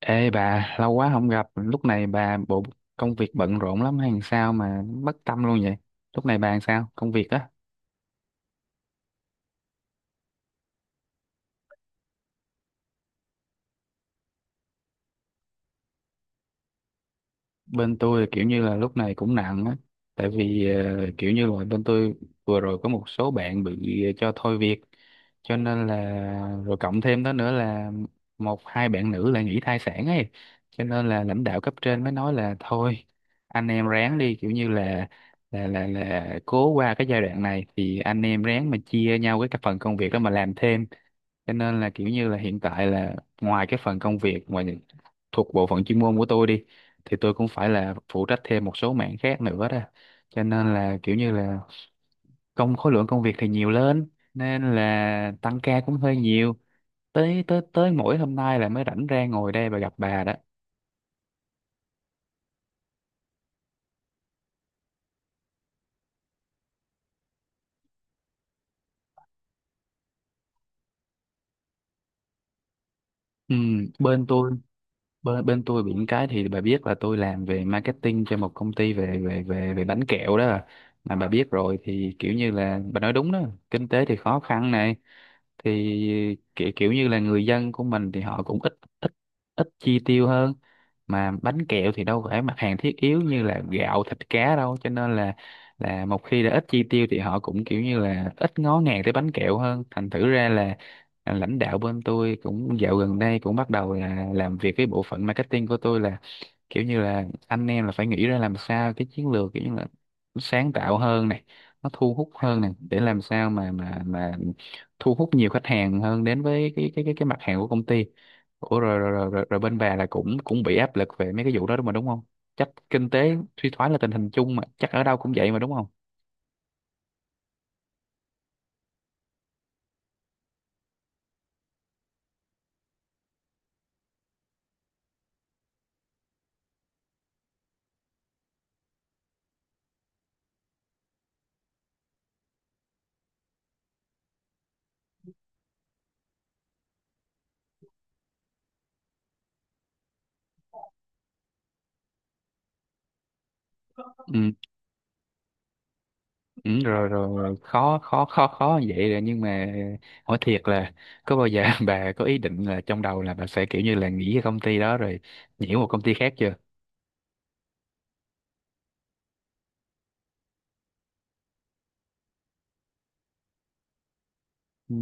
Ê bà, lâu quá không gặp, lúc này bà bộ công việc bận rộn lắm hay sao mà bất tâm luôn vậy? Lúc này bà làm sao? Công việc á? Bên tôi thì kiểu như là lúc này cũng nặng á, tại vì kiểu như là bên tôi vừa rồi có một số bạn bị cho thôi việc, cho nên là rồi cộng thêm đó nữa là một hai bạn nữ là nghỉ thai sản ấy, cho nên là lãnh đạo cấp trên mới nói là thôi, anh em ráng đi, kiểu như là cố qua cái giai đoạn này thì anh em ráng mà chia nhau cái phần công việc đó mà làm thêm. Cho nên là kiểu như là hiện tại là ngoài cái phần công việc ngoài thuộc bộ phận chuyên môn của tôi đi thì tôi cũng phải là phụ trách thêm một số mảng khác nữa đó. Cho nên là kiểu như là công khối lượng công việc thì nhiều lên nên là tăng ca cũng hơi nhiều, tới tới tới mỗi hôm nay là mới rảnh ra ngồi đây và gặp bà đó. Ừ, bên tôi bên tôi bị những cái, thì bà biết là tôi làm về marketing cho một công ty về về về về bánh kẹo đó. Mà bà biết rồi thì kiểu như là bà nói đúng đó, kinh tế thì khó khăn này, thì kiểu kiểu như là người dân của mình thì họ cũng ít ít ít chi tiêu hơn, mà bánh kẹo thì đâu phải mặt hàng thiết yếu như là gạo, thịt, cá đâu, cho nên là một khi đã ít chi tiêu thì họ cũng kiểu như là ít ngó ngàng tới bánh kẹo hơn. Thành thử ra là lãnh đạo bên tôi cũng dạo gần đây cũng bắt đầu là làm việc với bộ phận marketing của tôi, là kiểu như là anh em là phải nghĩ ra làm sao cái chiến lược kiểu như là nó sáng tạo hơn này, nó thu hút hơn này, để làm sao mà thu hút nhiều khách hàng hơn đến với cái mặt hàng của công ty. Ủa rồi, bên bà là cũng cũng bị áp lực về mấy cái vụ đó đúng mà đúng không? Chắc kinh tế suy thoái là tình hình chung mà, chắc ở đâu cũng vậy mà, đúng không? Ừ, ừ rồi, rồi rồi khó khó khó khó như vậy rồi, nhưng mà hỏi thiệt là có bao giờ bà có ý định là trong đầu là bà sẽ kiểu như là nghỉ cái công ty đó rồi nhảy một công ty khác chưa? Ừ.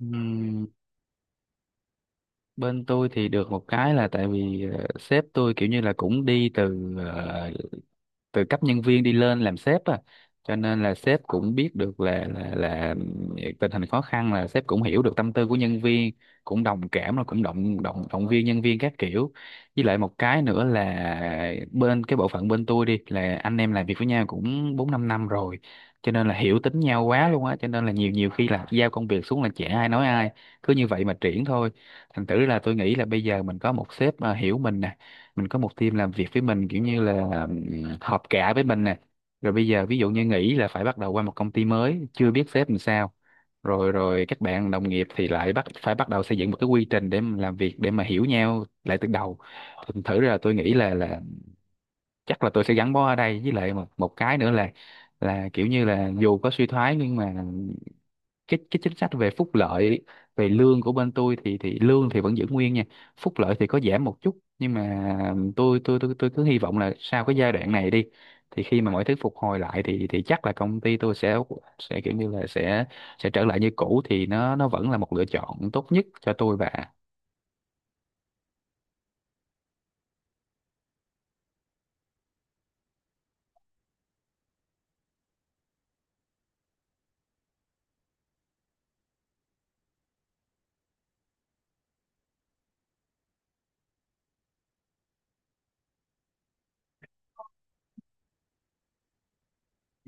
Ừm, bên tôi thì được một cái là tại vì sếp tôi kiểu như là cũng đi từ từ cấp nhân viên đi lên làm sếp á, cho nên là sếp cũng biết được là tình hình khó khăn, là sếp cũng hiểu được tâm tư của nhân viên, cũng đồng cảm, rồi cũng động động động viên nhân viên các kiểu. Với lại một cái nữa là bên cái bộ phận bên tôi đi là anh em làm việc với nhau cũng 4-5 năm rồi, cho nên là hiểu tính nhau quá luôn á, cho nên là nhiều nhiều khi là giao công việc xuống là chả ai nói ai, cứ như vậy mà triển thôi. Thành thử là tôi nghĩ là bây giờ mình có một sếp hiểu mình nè, mình có một team làm việc với mình kiểu như là họp cả với mình nè, rồi bây giờ ví dụ như nghỉ là phải bắt đầu qua một công ty mới chưa biết sếp làm sao, rồi rồi các bạn đồng nghiệp thì lại bắt phải bắt đầu xây dựng một cái quy trình để mà làm việc, để mà hiểu nhau lại từ đầu. Thành thử ra tôi nghĩ là chắc là tôi sẽ gắn bó ở đây. Với lại một một cái nữa là kiểu như là dù có suy thoái nhưng mà cái chính sách về phúc lợi, về lương của bên tôi thì lương thì vẫn giữ nguyên nha, phúc lợi thì có giảm một chút, nhưng mà tôi cứ hy vọng là sau cái giai đoạn này đi, thì khi mà mọi thứ phục hồi lại thì chắc là công ty tôi sẽ kiểu như là sẽ trở lại như cũ, thì nó vẫn là một lựa chọn tốt nhất cho tôi và.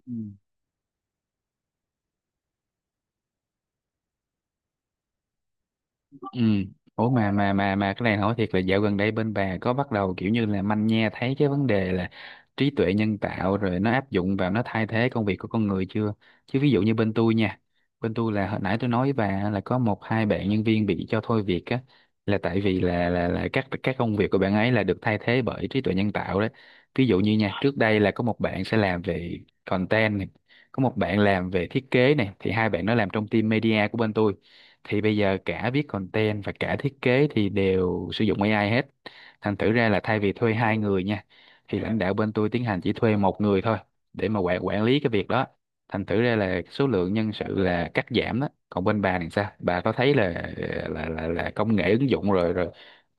Ừ. Ừ. Ủa mà cái này hỏi thiệt là dạo gần đây bên bà có bắt đầu kiểu như là manh nha thấy cái vấn đề là trí tuệ nhân tạo rồi nó áp dụng vào, nó thay thế công việc của con người chưa? Chứ ví dụ như bên tôi nha, bên tôi là hồi nãy tôi nói với bà là có một hai bạn nhân viên bị cho thôi việc á, là tại vì là các công việc của bạn ấy là được thay thế bởi trí tuệ nhân tạo đấy. Ví dụ như nha, trước đây là có một bạn sẽ làm về content này, có một bạn làm về thiết kế này, thì hai bạn nó làm trong team media của bên tôi, thì bây giờ cả viết content và cả thiết kế thì đều sử dụng AI hết, thành thử ra là thay vì thuê hai người nha thì lãnh đạo bên tôi tiến hành chỉ thuê một người thôi để mà quản quản lý cái việc đó. Thành thử ra là số lượng nhân sự là cắt giảm đó. Còn bên bà thì sao, bà có thấy là công nghệ ứng dụng rồi,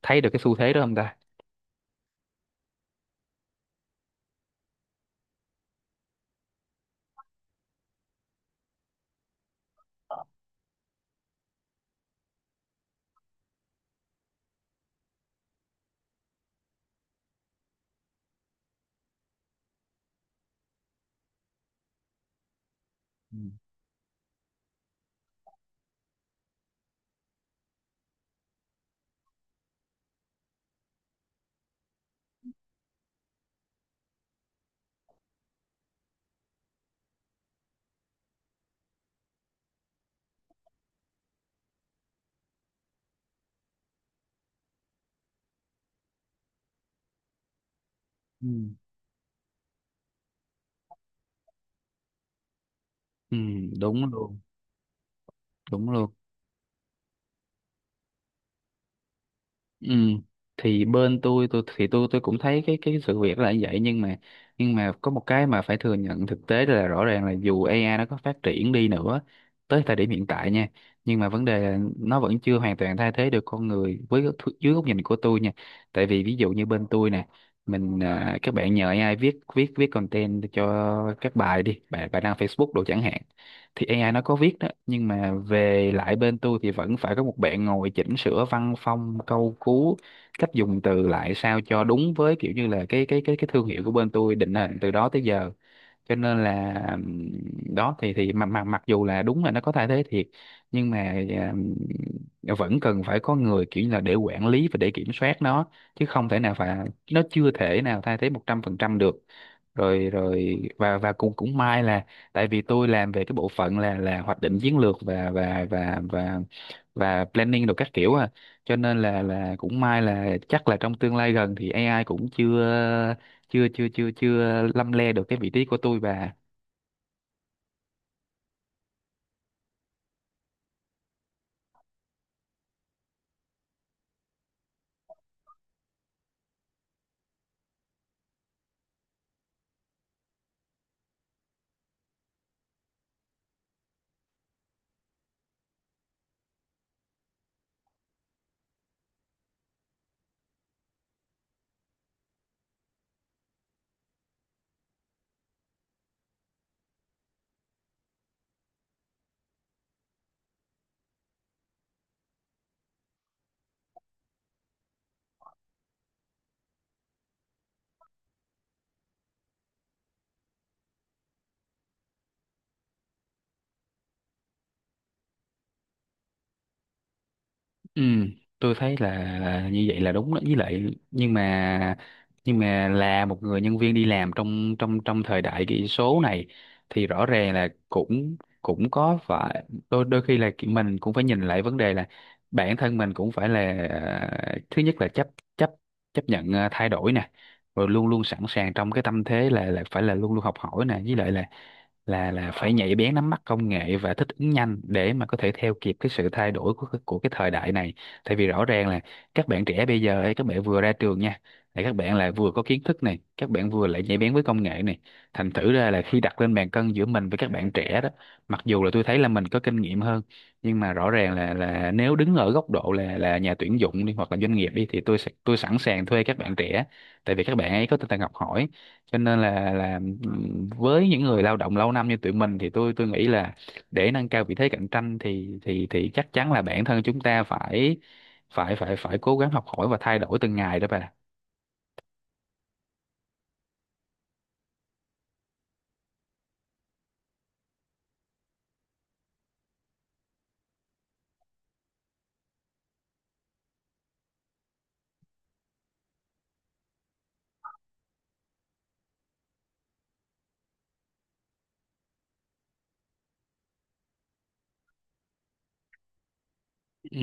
thấy được cái xu thế đó không ta? Ừ. Ừ. ừ, Đúng luôn, đúng luôn. Ừ. Thì bên tôi thì tôi cũng thấy cái sự việc là như vậy, nhưng mà có một cái mà phải thừa nhận thực tế là rõ ràng là dù AI nó có phát triển đi nữa, tới thời điểm hiện tại nha, nhưng mà vấn đề là nó vẫn chưa hoàn toàn thay thế được con người, dưới góc nhìn của tôi nha. Tại vì ví dụ như bên tôi nè, mình các bạn nhờ AI viết viết viết content cho các bài đi bài bài đăng Facebook đồ chẳng hạn, thì AI nó có viết đó nhưng mà về lại bên tôi thì vẫn phải có một bạn ngồi chỉnh sửa văn phong, câu cú, cách dùng từ lại sao cho đúng với kiểu như là cái thương hiệu của bên tôi định hình từ đó tới giờ. Cho nên là đó, thì mặc mặc mặc dù là đúng là nó có thay thế thiệt, nhưng mà vẫn cần phải có người kiểu như là để quản lý và để kiểm soát nó, chứ không thể nào phải, nó chưa thể nào thay thế 100% được. Rồi rồi và cũng cũng may là tại vì tôi làm về cái bộ phận là hoạch định chiến lược, và planning đồ các kiểu à, cho nên là cũng may là chắc là trong tương lai gần thì AI cũng chưa chưa chưa chưa chưa lăm le được cái vị trí của tôi và. Ừ, tôi thấy là, như vậy là đúng đó, với lại nhưng mà là một người nhân viên đi làm trong trong trong thời đại kỹ số này thì rõ ràng là cũng cũng có phải đôi đôi khi là, mình cũng phải nhìn lại vấn đề là bản thân mình cũng phải là, thứ nhất là chấp chấp chấp nhận thay đổi nè, rồi luôn luôn sẵn sàng trong cái tâm thế là phải là luôn luôn học hỏi nè, với lại là phải nhạy bén nắm bắt công nghệ và thích ứng nhanh để mà có thể theo kịp cái sự thay đổi của của cái thời đại này. Tại vì rõ ràng là các bạn trẻ bây giờ ấy, các bạn vừa ra trường nha, là các bạn là vừa có kiến thức này, các bạn vừa lại nhạy bén với công nghệ này, thành thử ra là khi đặt lên bàn cân giữa mình với các bạn trẻ đó, mặc dù là tôi thấy là mình có kinh nghiệm hơn, nhưng mà rõ ràng là nếu đứng ở góc độ là nhà tuyển dụng đi, hoặc là doanh nghiệp đi, thì tôi sẵn sàng thuê các bạn trẻ, tại vì các bạn ấy có tinh thần học hỏi. Cho nên là với những người lao động lâu năm như tụi mình, thì tôi nghĩ là để nâng cao vị thế cạnh tranh thì thì chắc chắn là bản thân chúng ta phải phải phải phải cố gắng học hỏi và thay đổi từng ngày đó bà. Ừ,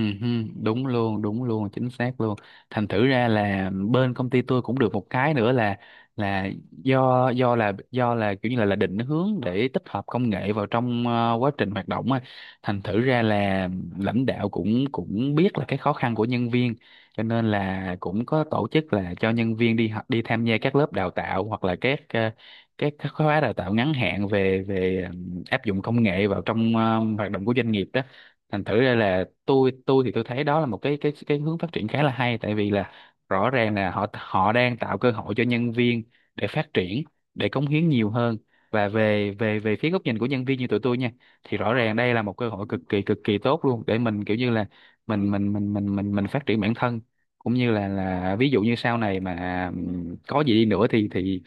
đúng luôn, đúng luôn, chính xác luôn. Thành thử ra là bên công ty tôi cũng được một cái nữa là do do là do là kiểu như là định hướng để tích hợp công nghệ vào trong quá trình hoạt động á. Thành thử ra là lãnh đạo cũng cũng biết là cái khó khăn của nhân viên, cho nên là cũng có tổ chức là cho nhân viên đi học, đi tham gia các lớp đào tạo, hoặc là các ờ, các khóa đào tạo ngắn hạn về về áp dụng công nghệ vào trong hoạt động của doanh nghiệp đó. Thành thử ra là tôi thì tôi thấy đó là một cái hướng phát triển khá là hay, tại vì là rõ ràng là họ họ đang tạo cơ hội cho nhân viên để phát triển, để cống hiến nhiều hơn. Và về về về phía góc nhìn của nhân viên như tụi tôi nha, thì rõ ràng đây là một cơ hội cực kỳ tốt luôn, để mình kiểu như là mình phát triển bản thân, cũng như là ví dụ như sau này mà có gì đi nữa thì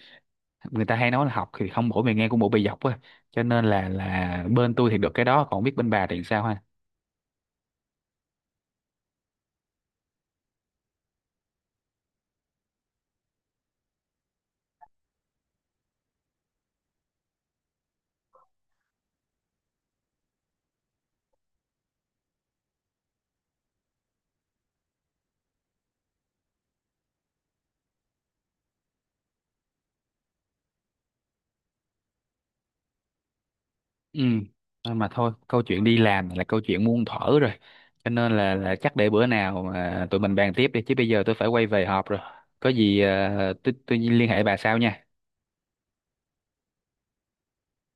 người ta hay nói là học thì không bổ bề ngang cũng bổ bề dọc á, cho nên là bên tôi thì được cái đó, còn không biết bên bà thì sao ha. Ừ, thôi mà thôi, câu chuyện đi làm là câu chuyện muôn thuở rồi. Cho nên là, chắc để bữa nào mà tụi mình bàn tiếp đi, chứ bây giờ tôi phải quay về họp rồi. Có gì tôi liên hệ bà sau nha.